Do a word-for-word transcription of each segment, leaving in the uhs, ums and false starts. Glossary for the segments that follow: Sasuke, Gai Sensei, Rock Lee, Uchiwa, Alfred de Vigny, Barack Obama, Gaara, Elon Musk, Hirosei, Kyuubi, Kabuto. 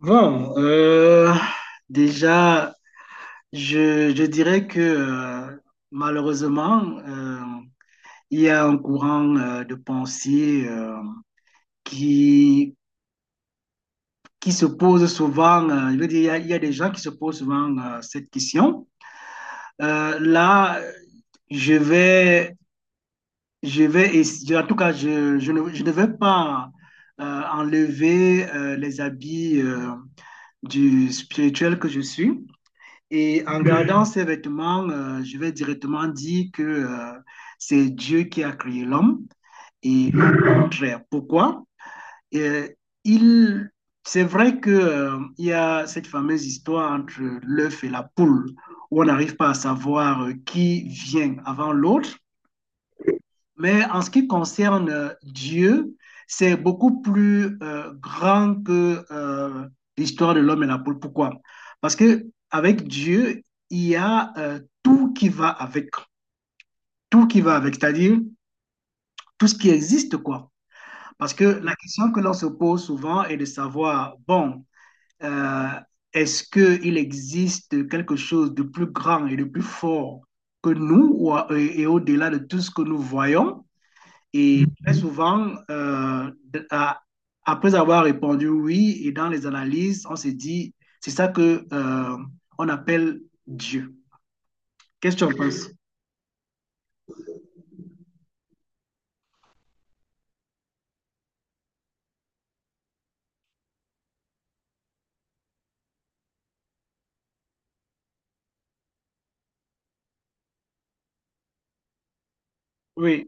Bon, euh, déjà, je, je dirais que euh, malheureusement, euh, il y a un courant euh, de pensée euh, qui, qui se pose souvent, euh, je veux dire, il y a, il y a des gens qui se posent souvent euh, cette question. Euh, là, je vais, je vais essayer- en tout cas, je, je ne, je ne vais pas euh, enlever euh, les habits euh, du spirituel que je suis. Et en regardant ces vêtements, euh, je vais directement dire que euh, c'est Dieu qui a créé l'homme et non le contraire. Pourquoi? Euh, il, c'est vrai que, euh, il y a cette fameuse histoire entre l'œuf et la poule où on n'arrive pas à savoir euh, qui vient avant l'autre. Mais en ce qui concerne euh, Dieu, c'est beaucoup plus euh, grand que euh, l'histoire de l'homme et la poule. Pourquoi? Parce que avec Dieu, il y a euh, tout qui va avec, tout qui va avec, c'est-à-dire tout ce qui existe, quoi. Parce que la question que l'on se pose souvent est de savoir, bon, euh, est-ce qu'il existe quelque chose de plus grand et de plus fort que nous ou, et et au-delà de tout ce que nous voyons? Et très souvent, euh, à- après avoir répondu oui, et dans les analyses, on se dit, c'est ça que euh, on appelle Dieu. Qu'est-ce que tu en penses? Oui,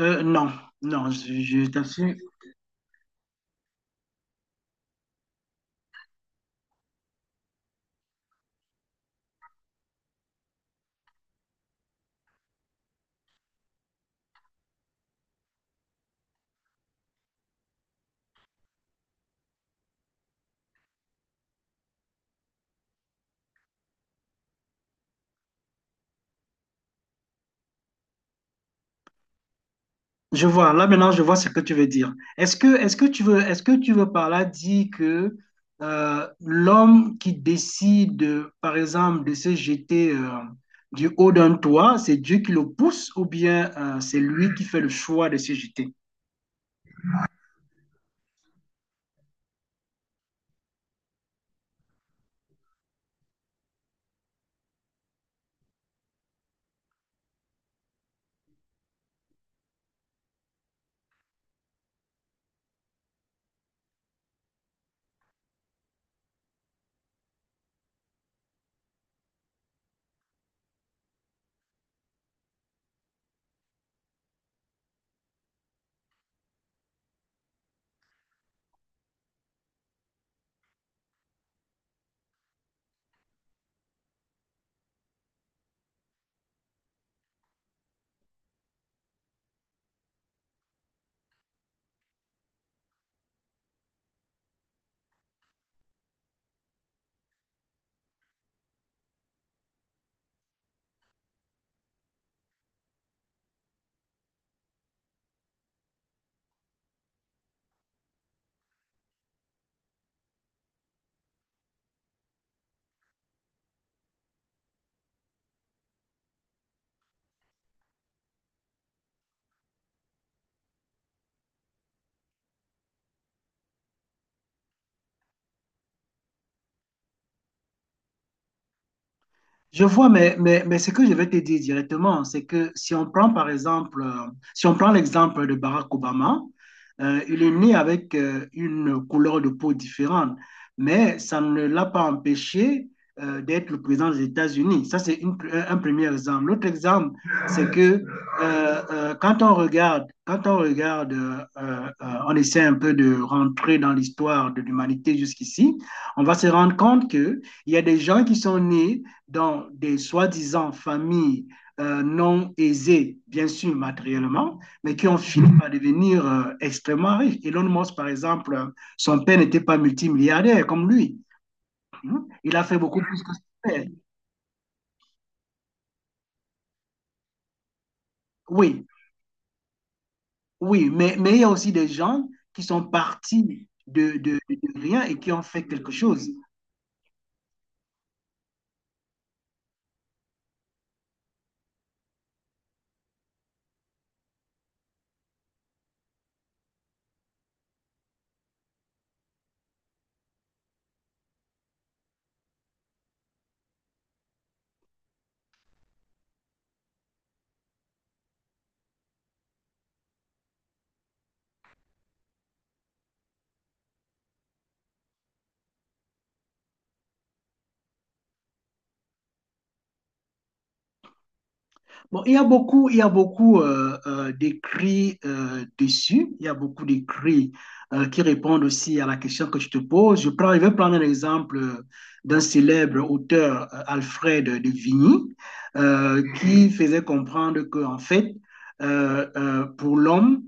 euh, non, non, je, je t'assure. Je vois, là maintenant, je vois ce que tu veux dire. Est-ce que, est-ce que tu veux, est-ce que tu veux par là dire que euh, l'homme qui décide, euh, par exemple, de se jeter euh, du haut d'un toit, c'est Dieu qui le pousse ou bien euh, c'est lui qui fait le choix de se jeter? Je vois, mais, mais, mais ce que je vais te dire directement, c'est que si on prend par exemple, euh, si on prend l'exemple de Barack Obama, euh, il est né avec euh, une couleur de peau différente, mais ça ne l'a pas empêché euh, d'être le président des États-Unis. Ça, c'est une- pr- un premier exemple. L'autre exemple, c'est que euh, euh, quand on regarde, quand on regarde, euh, euh, euh, on essaie un peu de rentrer dans l'histoire de l'humanité jusqu'ici, on va se rendre compte que il y a des gens qui sont nés dans des soi-disant familles euh, non aisées, bien sûr matériellement, mais qui ont fini par devenir euh, extrêmement riches. Elon Musk, par exemple, son père n'était pas multimilliardaire comme lui. Mhm. Il a fait beaucoup plus que son père. Oui, oui, mais, mais il y a aussi des gens qui sont partis de, de, de rien et qui ont fait quelque chose. Bon, il y a beaucoup, il y a beaucoup euh, euh, d'écrits euh, dessus. Il y a beaucoup d'écrits euh, qui répondent aussi à la question que tu te poses. Je prends, je vais prendre un exemple euh, d'un célèbre auteur, euh, Alfred de Vigny, euh, qui faisait comprendre que, en fait, euh, euh, pour l'homme,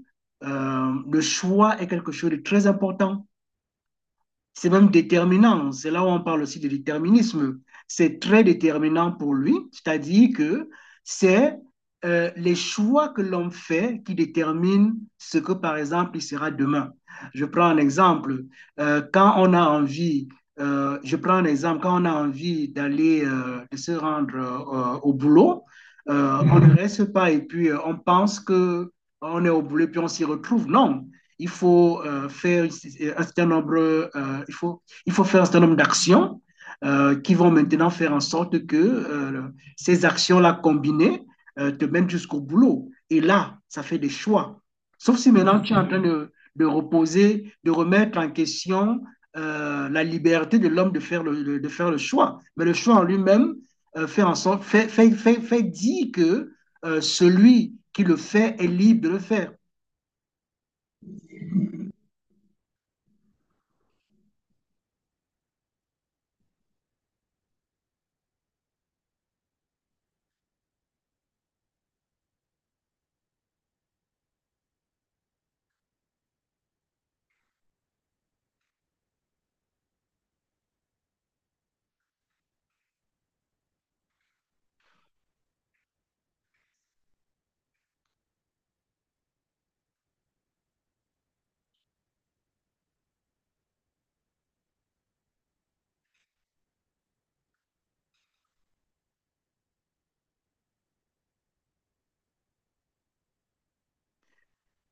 euh, le choix est quelque chose de très important. C'est même déterminant. C'est là où on parle aussi de déterminisme. C'est très déterminant pour lui, c'est-à-dire que c'est euh, les choix que l'on fait qui déterminent ce que, par exemple, il sera demain. Je prends un exemple. Euh, quand on a envie, euh, je prends un exemple, quand on a envie d'aller, euh, de se rendre euh, euh, au boulot, euh, on ne reste pas et puis euh, on pense que on est au boulot et puis on s'y retrouve. Non, il faut euh, faire un certain nombre, euh, il, faut, il faut faire un certain nombre d'actions euh, qui vont maintenant faire en sorte que euh, ces actions-là combinées euh, te mènent jusqu'au boulot. Et là, ça fait des choix. Sauf si maintenant tu es en train de, de reposer, de remettre en question euh, la liberté de l'homme de, faire le, de faire le choix. Mais le choix en lui-même euh, fait, en sorte, fait, fait, fait, fait dire que euh, celui qui le fait est libre de le faire.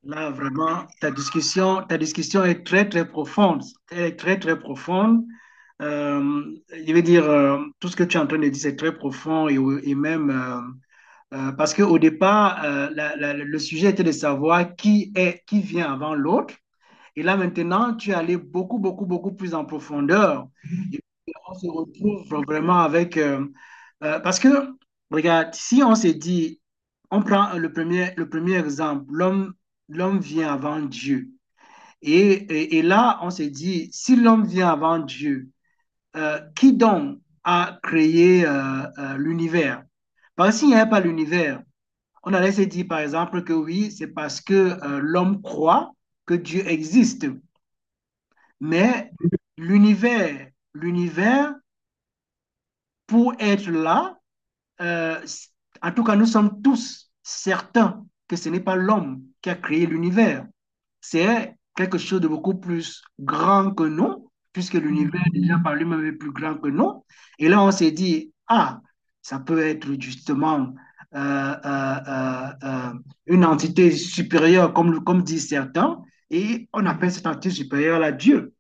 Là, vraiment, ta discussion, ta discussion est très, très profonde. Elle est très, très profonde. Euh, je veux dire, euh, tout ce que tu es en train de dire, c'est très profond et, et même euh, euh, parce qu'au départ, euh, la- la- le sujet était de savoir qui est, qui vient avant l'autre. Et là, maintenant, tu es allé beaucoup, beaucoup, beaucoup plus en profondeur. Et on se retrouve vraiment avec euh, euh, parce que, regarde, si on s'est dit, on prend le premier, le premier exemple, l'homme, l'homme vient avant Dieu. Et, et- et là, on s'est dit, si l'homme vient avant Dieu, euh, qui donc a créé euh, euh, l'univers? Parce qu'il n'y avait pas l'univers, on allait se dire, par exemple, que oui, c'est parce que euh, l'homme croit que Dieu existe. Mais l'univers, l'univers, pour être là, euh, en tout cas, nous sommes tous certains que ce n'est pas l'homme qui a créé l'univers. C'est quelque chose de beaucoup plus grand que nous, puisque l'univers déjà par lui-même est plus grand que nous. Et là, on s'est dit, ah, ça peut être justement euh, euh, euh, euh, une entité supérieure, comme, comme disent certains, et on appelle cette entité supérieure la Dieu.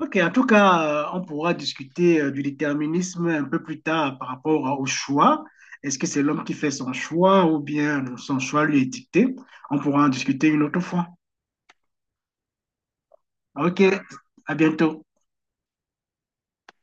Ok, en tout cas, euh, on pourra discuter euh, du déterminisme un peu plus tard par rapport euh, au choix. Est-ce que c'est l'homme qui fait son choix ou bien son choix lui est dicté? On pourra en discuter une autre fois. Ok, à bientôt.